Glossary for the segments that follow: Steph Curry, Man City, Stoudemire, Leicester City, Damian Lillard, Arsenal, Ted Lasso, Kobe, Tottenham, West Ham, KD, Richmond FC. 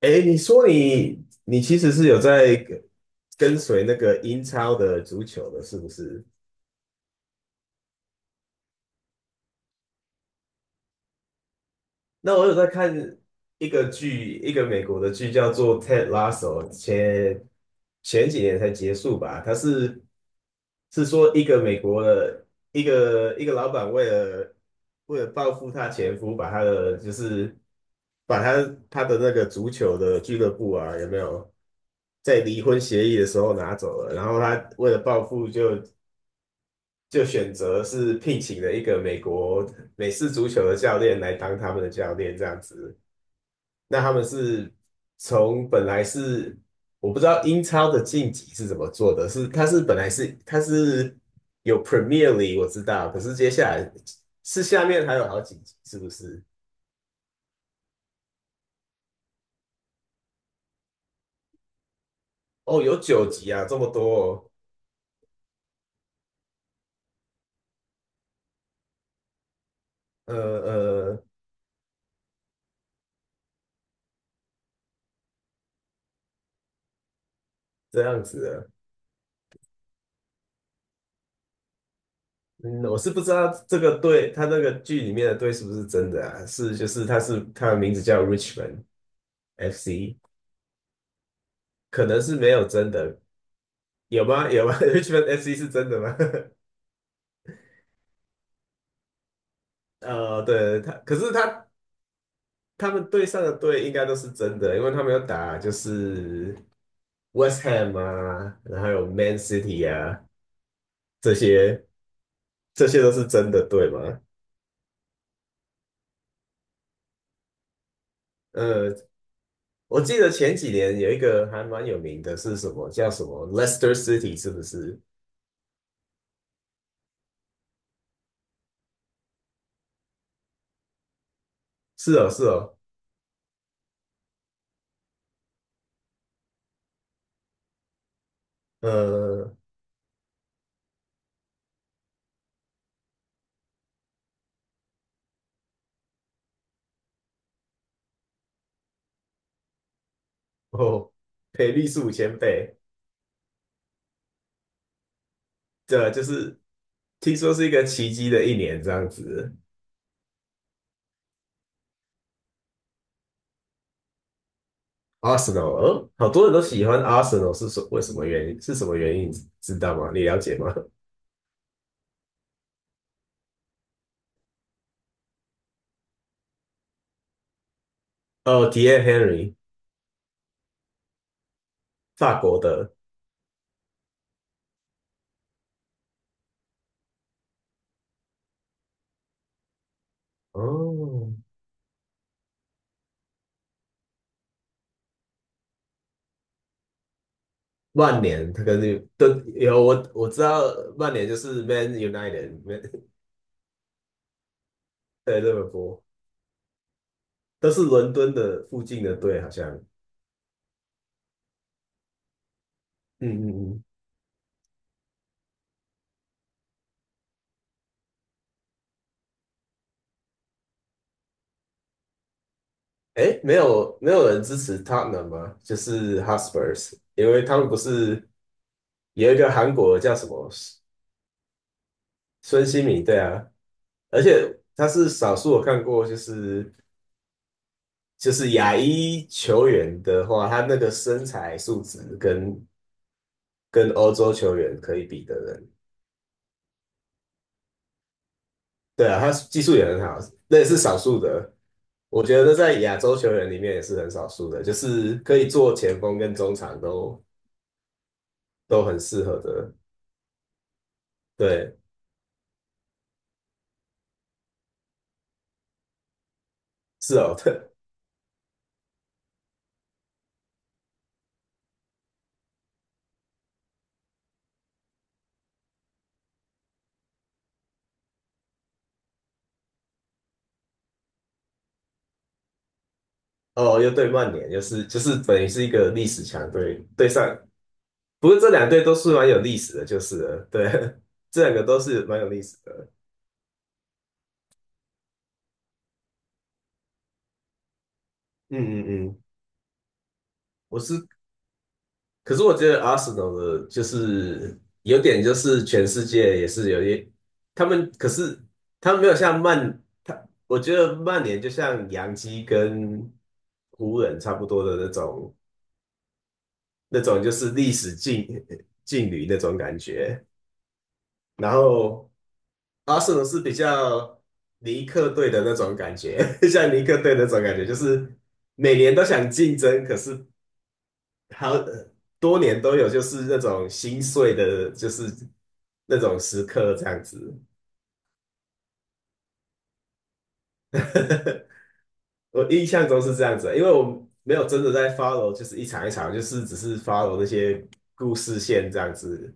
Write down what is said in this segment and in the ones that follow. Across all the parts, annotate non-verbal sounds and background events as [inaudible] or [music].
哎，你说你其实是有在跟随那个英超的足球的，是不是？那我有在看一个剧，一个美国的剧叫做《Ted Lasso》，前几年才结束吧。它是说一个美国的一个老板为了报复他前夫，把他的就是把他的那个足球的俱乐部啊，有没有在离婚协议的时候拿走了？然后他为了报复就选择是聘请了一个美式足球的教练来当他们的教练，这样子。那他们是从本来是我不知道英超的晋级是怎么做的，是它是本来是它是有 Premier League 我知道，可是接下来是下面还有好几集是不是？哦，有九集啊，这么多哦，呃，这样子的。嗯，我是不知道这个队，他那个剧里面的队是不是真的啊？是，就是他的名字叫 Richmond FC，可能是没有真的，有吗？有吗 [laughs]？Richmond FC 是真的吗？[laughs] 对，可是他们队上的队应该都是真的，因为他们有打就是 West Ham 啊，然后有 Man City 啊，这些这些都是真的队嘛。呃，我记得前几年有一个还蛮有名的是什么，叫什么 Leicester City 是不是？是哦，是哦，呃，哦，赔率是5000倍，对啊，就是听说是一个奇迹的一年这样子。Arsenal，好多人都喜欢 Arsenal，是为什么原因？是什么原因？知道吗？你了解吗？哦 t h i Henry，法国的。哦，曼联，他跟利都有我知道，曼联就是 Man United，Man [laughs] 对利物浦，都是伦敦的附近的队，好像。嗯嗯嗯。哎，没有人支持 Tottenham 吗？就是 h u s p e r s 因为他们不是有一个韩国叫什么孙兴慜，对啊，而且他是少数我看过，就是亚裔球员的话，他那个身材素质跟欧洲球员可以比的人，对啊，他技术也很好，那也是少数的。我觉得在亚洲球员里面也是很少数的，就是可以做前锋跟中场都很适合的。对，是哦，[laughs] 对，哦，又对曼联，就是等于是一个历史强队，对上，不过这两队都是蛮有历史的，就是了对，[laughs] 这两个都是蛮有历史的。嗯嗯嗯，我是，可是我觉得 Arsenal 的就是有点就是全世界也是有点，他们可是他们没有像曼，我觉得曼联就像洋基跟湖人差不多的那种就是历史劲旅那种感觉，然后 Arsenal 是比较尼克队的那种感觉，[laughs] 像尼克队那种感觉，就是每年都想竞争，可是好多年都有，就是那种心碎的，就是那种时刻这样子。[laughs] 我印象中是这样子，因为我没有真的在 follow，就是一场一场，就是只是 follow 那些故事线这样子。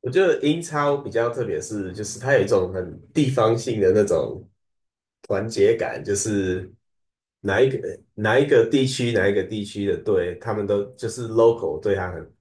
我觉得英超比较特别是，就是它有一种很地方性的那种团结感，就是哪一个地区的队，他们都就是 local 对他很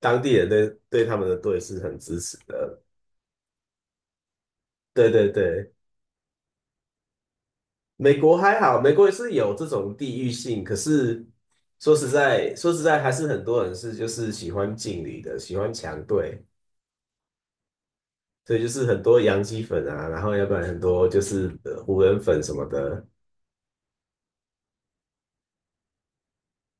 当地人对他们的队是很支持的。对对对，美国还好，美国也是有这种地域性，可是说实在，还是很多人是就是喜欢劲旅的，喜欢强队。所以就是很多洋基粉啊，然后要不然很多就是湖人粉什么的，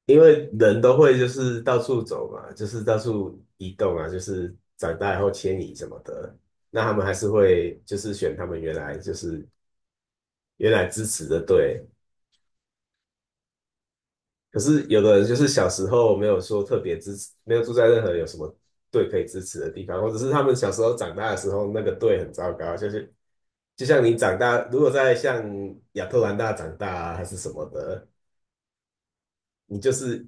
因为人都会就是到处走嘛，就是到处移动啊，就是长大以后迁移什么的，那他们还是会就是选他们原来支持的队。可是有的人就是小时候没有说特别支持，没有住在任何有什么队可以支持的地方，或者是他们小时候长大的时候那个队很糟糕，就是就像你长大，如果在像亚特兰大长大啊，还是什么的，你就是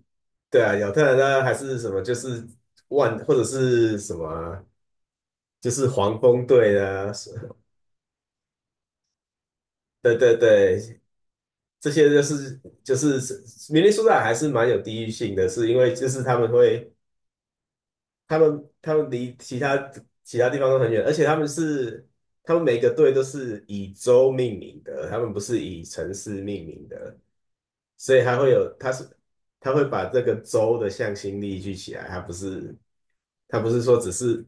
对啊，亚特兰大还是什么，就是万或者是什么啊就是黄蜂队啊，是对对对，这些就是明尼苏达还是蛮有地域性的，是因为就是他们离其他地方都很远，而且他们每个队都是以州命名的，他们不是以城市命名的，所以它会有它是它会把这个州的向心力聚起来，它不是。他不是说只是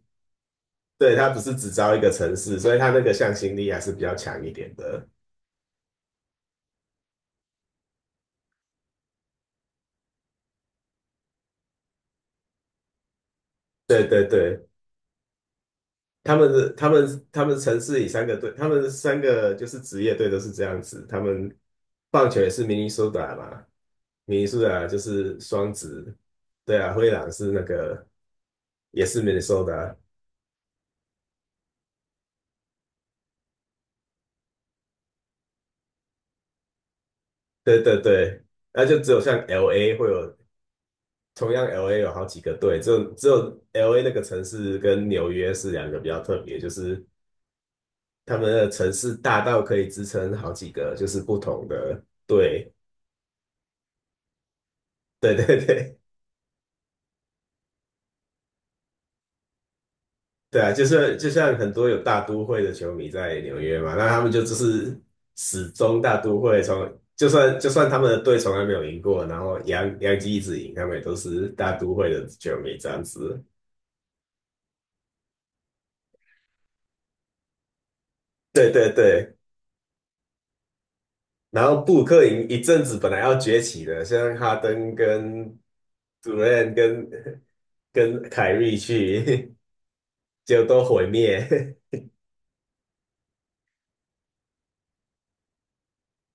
对，它不是只招一个城市，所以它那个向心力还是比较强一点的。对对对，他们的他们他们城市里三个队，他们三个就是职业队都是这样子。他们棒球也是明尼苏达嘛，明尼苏达就是双子，对啊，灰狼是那个也是 Minnesota，对对对，那就只有像 LA 会有，同样 LA 有好几个队，只有 LA 那个城市跟纽约是两个比较特别，就是他们的城市大到可以支撑好几个，就是不同的队。[laughs] 对对对对啊，就是就像很多有大都会的球迷在纽约嘛，那他们就是始终大都会从，就算他们的队从来没有赢过，然后洋基一直赢，他们也都是大都会的球迷这样子。对对对，然后布鲁克林一阵子本来要崛起的，现在哈登跟杜兰特跟凯瑞去，[laughs] 就都毁灭。[laughs]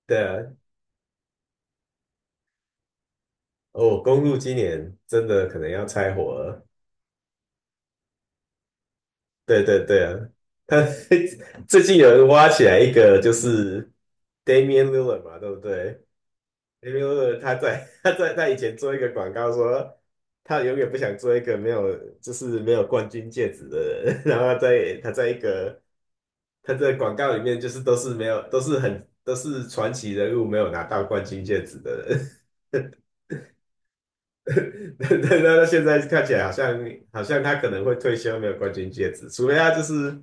对啊，哦，公路今年真的可能要拆伙了。对对对啊，他 [laughs] 最近有人挖起来一个，就是 Damian Lillard 嘛，对不对？Damian Lillard 他在 [laughs] 他以前做一个广告说，他永远不想做一个没有冠军戒指的人。[laughs] 然后他在广告里面就是都是传奇人物没有拿到冠军戒指的人。[laughs] [laughs] 对对，那现在看起来好像他可能会退休，没有冠军戒指，除非他就是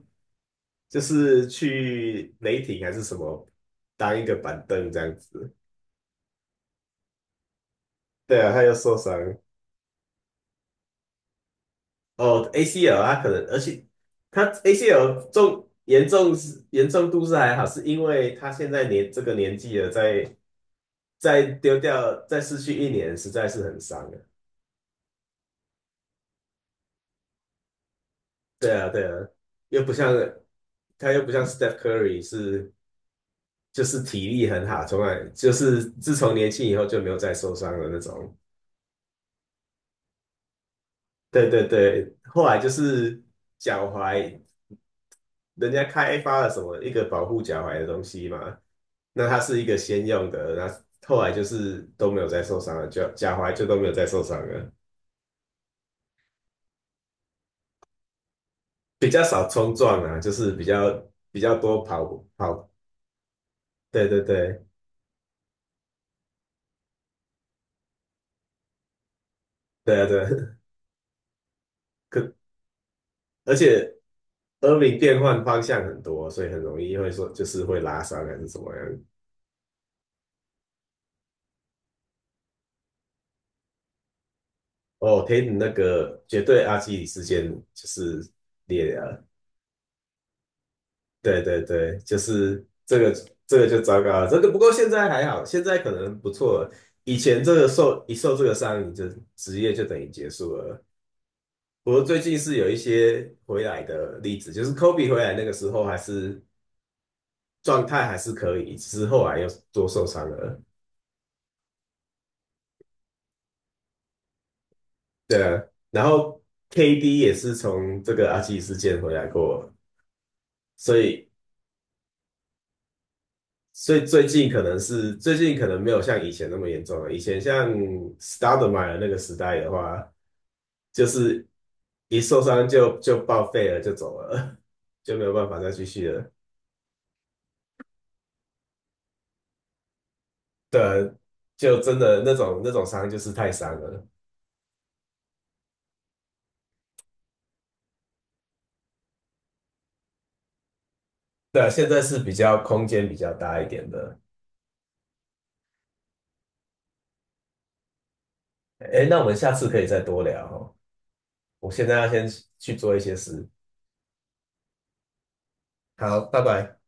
就是去雷霆还是什么当一个板凳这样子。对啊，他又受伤哦，ACL 他可能，而且他 ACL 重严重是严重度是还好，是因为他现在这个年纪了，再丢掉再失去一年，实在是很伤啊。对啊，对啊，又不像他又不像 Steph Curry 是就是体力很好，从来就是自从年轻以后就没有再受伤的那种。对对对，后来就是脚踝，人家开发了什么一个保护脚踝的东西嘛，那它是一个先用的，那后来就是都没有再受伤了，脚踝就都没有再受伤了，比较少冲撞啊，就是比较多跑跑。对对对对啊对啊，[laughs] 可而且。耳鸣变换方向很多，所以很容易会说就是会拉伤还是怎么样。哦，陪你那个绝对阿基里事件就是裂了，对对对，就是这个就糟糕了，这个不过现在还好，现在可能不错了。以前这个受这个伤，你就职业就等于结束了。不过最近是有一些回来的例子，就是 Kobe 回来那个时候还是状态还是可以，只是后来又多受伤了。然后 KD 也是从这个阿基里斯腱回来过，所以所以最近可能没有像以前那么严重了。以前像 Stoudemire 那个时代的话，就是一受伤就报废了，就走了，就没有办法再继续了。对啊就真的那种伤就是太伤了。对啊现在是比较空间比较大一点的。哎，那我们下次可以再多聊哦。我现在要先去做一些事。好，拜拜。